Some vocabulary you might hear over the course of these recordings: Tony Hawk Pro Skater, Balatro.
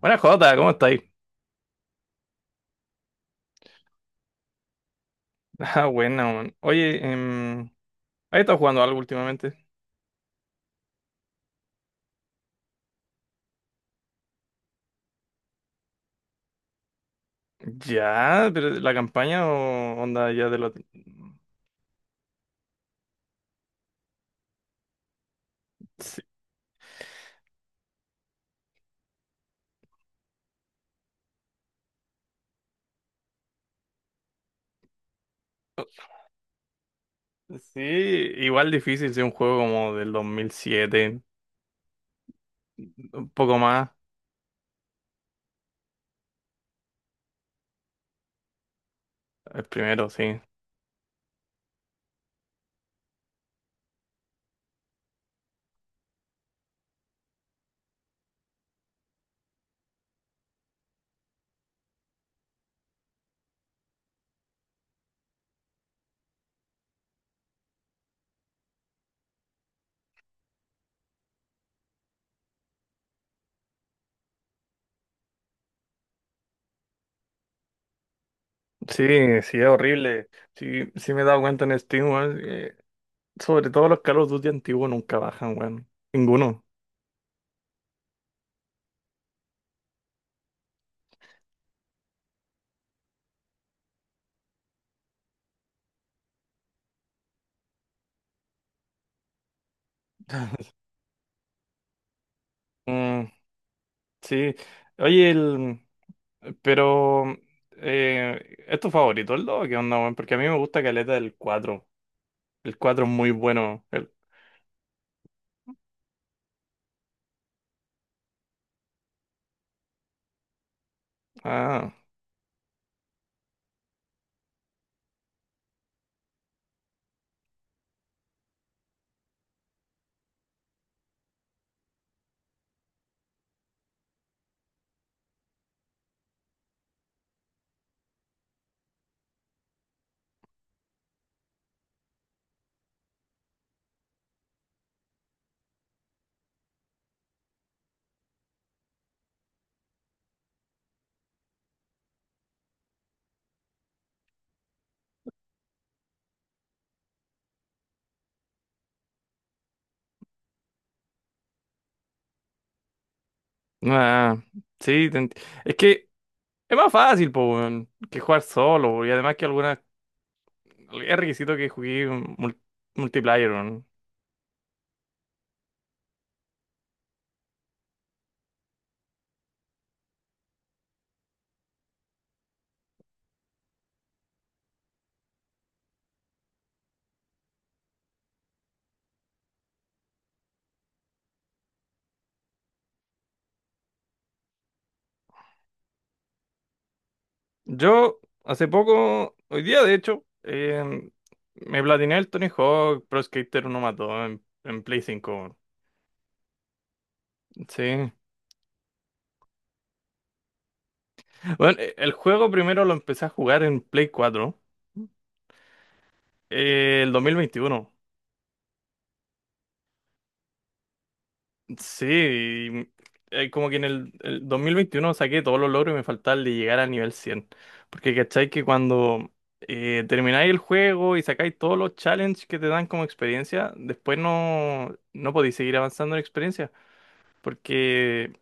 Buena Jota, ¿cómo estáis? Ah, buena, man. Oye, ¿has estado jugando algo últimamente? Ya, pero la campaña o onda ya de lo. Sí, sí, igual difícil, sí, un juego como del 2007, un poco más. El primero, sí. Sí, sí, es horrible. Sí, sí me he dado cuenta en Steam, weón, sobre todo los Call of Duty antiguos nunca bajan, weón. Ninguno. Mm, sí. Oye, pero, ¿es tu favorito el 2 o qué onda, weón? Porque a mí me gusta caleta del cuatro. El 4 es muy bueno. Ah, ah, sí. Es que es más fácil, po, weón, que jugar solo, weón, y además que algunas. Es requisito que jugué multiplayer, weón. Yo, hace poco, hoy día de hecho, me platiné el Tony Hawk Pro Skater uno más 2 en Play 5 weón. Sí. Bueno, el juego primero lo empecé a jugar en Play 4. El 2021. Sí, como que en el 2021 saqué todos los logros y me faltaba el de llegar al nivel 100. Porque cachai que cuando termináis el juego y sacáis todos los challenges que te dan como experiencia, después no podéis seguir avanzando en experiencia. Porque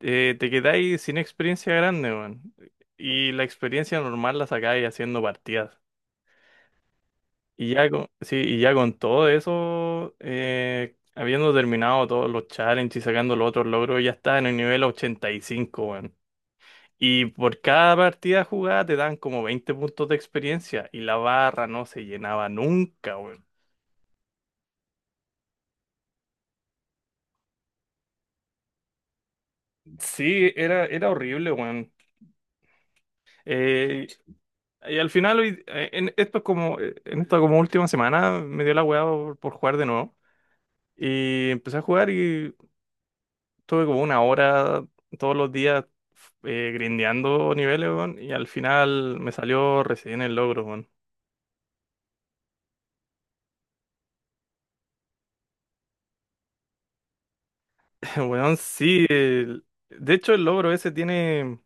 te quedáis sin experiencia grande, weón. Y la experiencia normal la sacáis haciendo partidas. Sí, y ya con todo eso, habiendo terminado todos los challenges y sacando los otros logros, ya estaba en el nivel 85 weón. Y por cada partida jugada te dan como 20 puntos de experiencia y la barra no se llenaba nunca, weón. Sí, era horrible, weón. Eh, y al final, esto es como, en esta como última semana me dio la weá por jugar de nuevo. Y empecé a jugar y tuve como 1 hora todos los días, grindeando niveles, weón, y al final me salió recién el logro, weón. Weón, sí. De hecho, el logro ese tiene,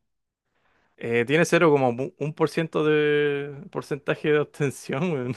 eh, tiene cero como 1% de porcentaje de obtención, weón.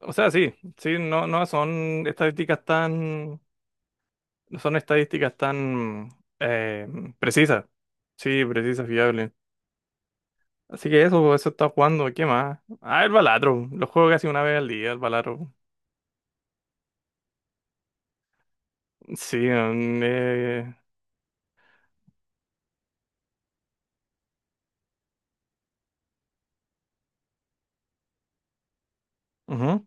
O sea, sí, sí, no son estadísticas tan eh, precisas. Sí, precisas, fiables. Así que eso está jugando, ¿qué más? Ah, el Balatro, lo juego casi una vez al día, el Balatro. Sí, ujú.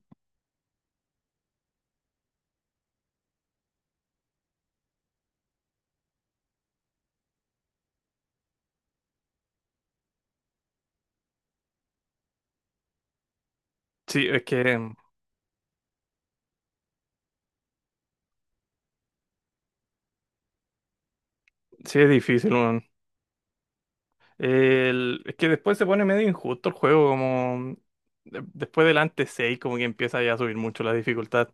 Sí, es que sí es difícil, weón. Es que después se pone medio injusto el juego, como después del antes 6 como que empieza ya a subir mucho la dificultad.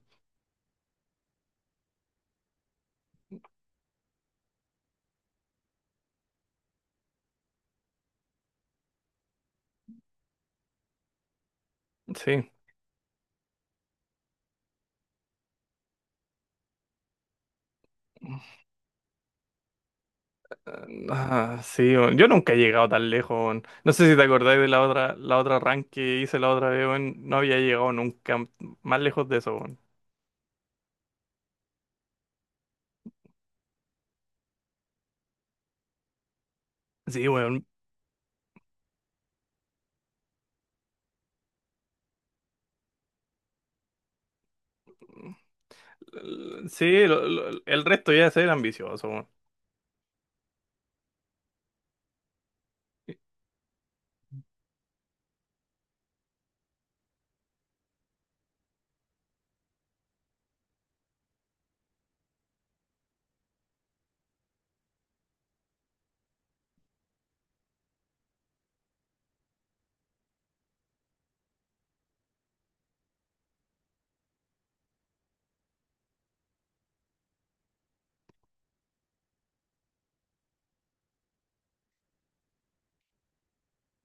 Sí. Mm. Ah, sí, weón. Yo nunca he llegado tan lejos, weón. No sé si te acordáis de la otra rank que hice la otra vez, weón. No había llegado nunca más lejos de eso, weón. Sí, weón. Sí, el resto ya es ser ambicioso, weón. Sí,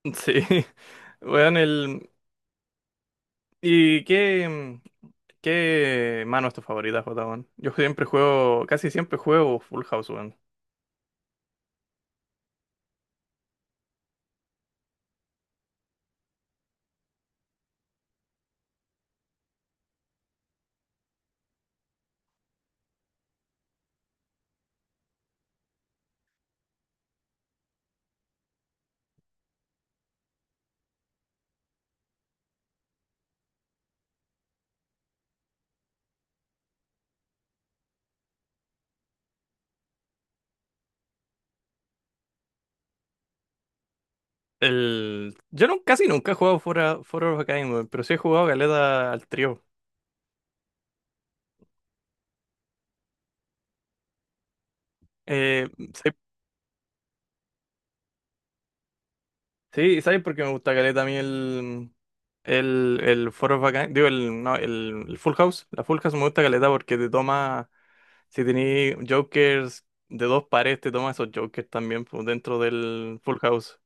weón, ¿y qué mano es tu favorita, Jota, weón? Yo siempre juego, casi siempre juego Full House, weón. Yo no, casi nunca he jugado Fuera of a Kind, weón, pero sí he jugado Galeta al trío. Sí, sí, ¿sabes por qué me gusta Galeta a mí el Four of a Kind? Digo, no, el Full House. La Full House me gusta Galeta porque te toma, si tenés Jokers de dos pares, te toma esos Jokers también pues, dentro del Full House.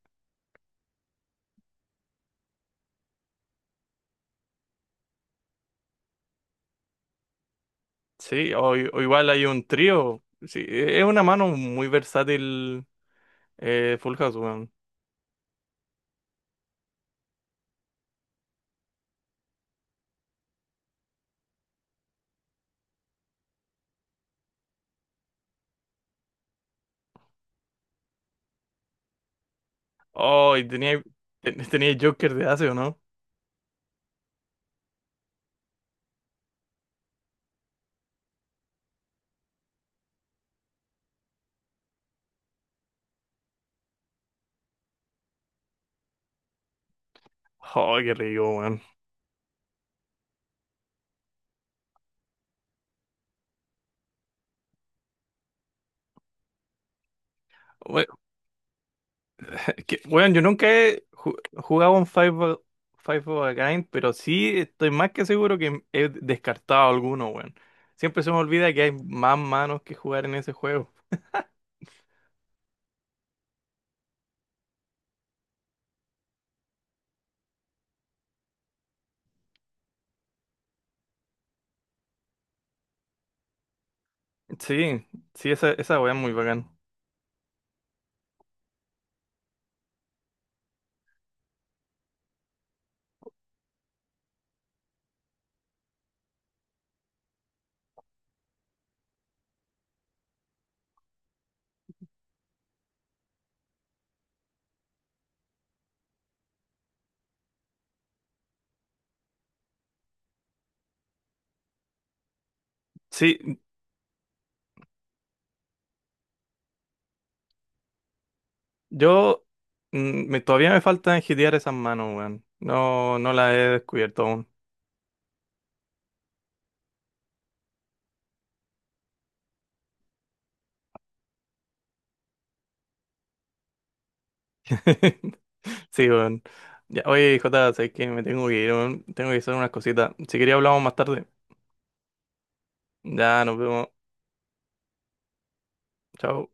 Sí, o igual hay un trío. Sí, es una mano muy versátil, Full House, weón. Oh, y tenía, tenía Joker de Ace, ¿o no? Oh, qué rico, weón. We- Weón, yo nunca he jugado un Five of a Kind, pero sí estoy más que seguro que he descartado alguno, weón. Siempre se me olvida que hay más manos que jugar en ese juego. Sí, sí, esa weá es muy bacán. Sí, yo todavía me falta enjitear esas manos, weón. No, no las he descubierto aún. Sí, weón. Ya, oye, Jota, sé que me tengo que ir, weón. Tengo que hacer unas cositas. Si quería hablamos más tarde. Ya, nos vemos. Chao.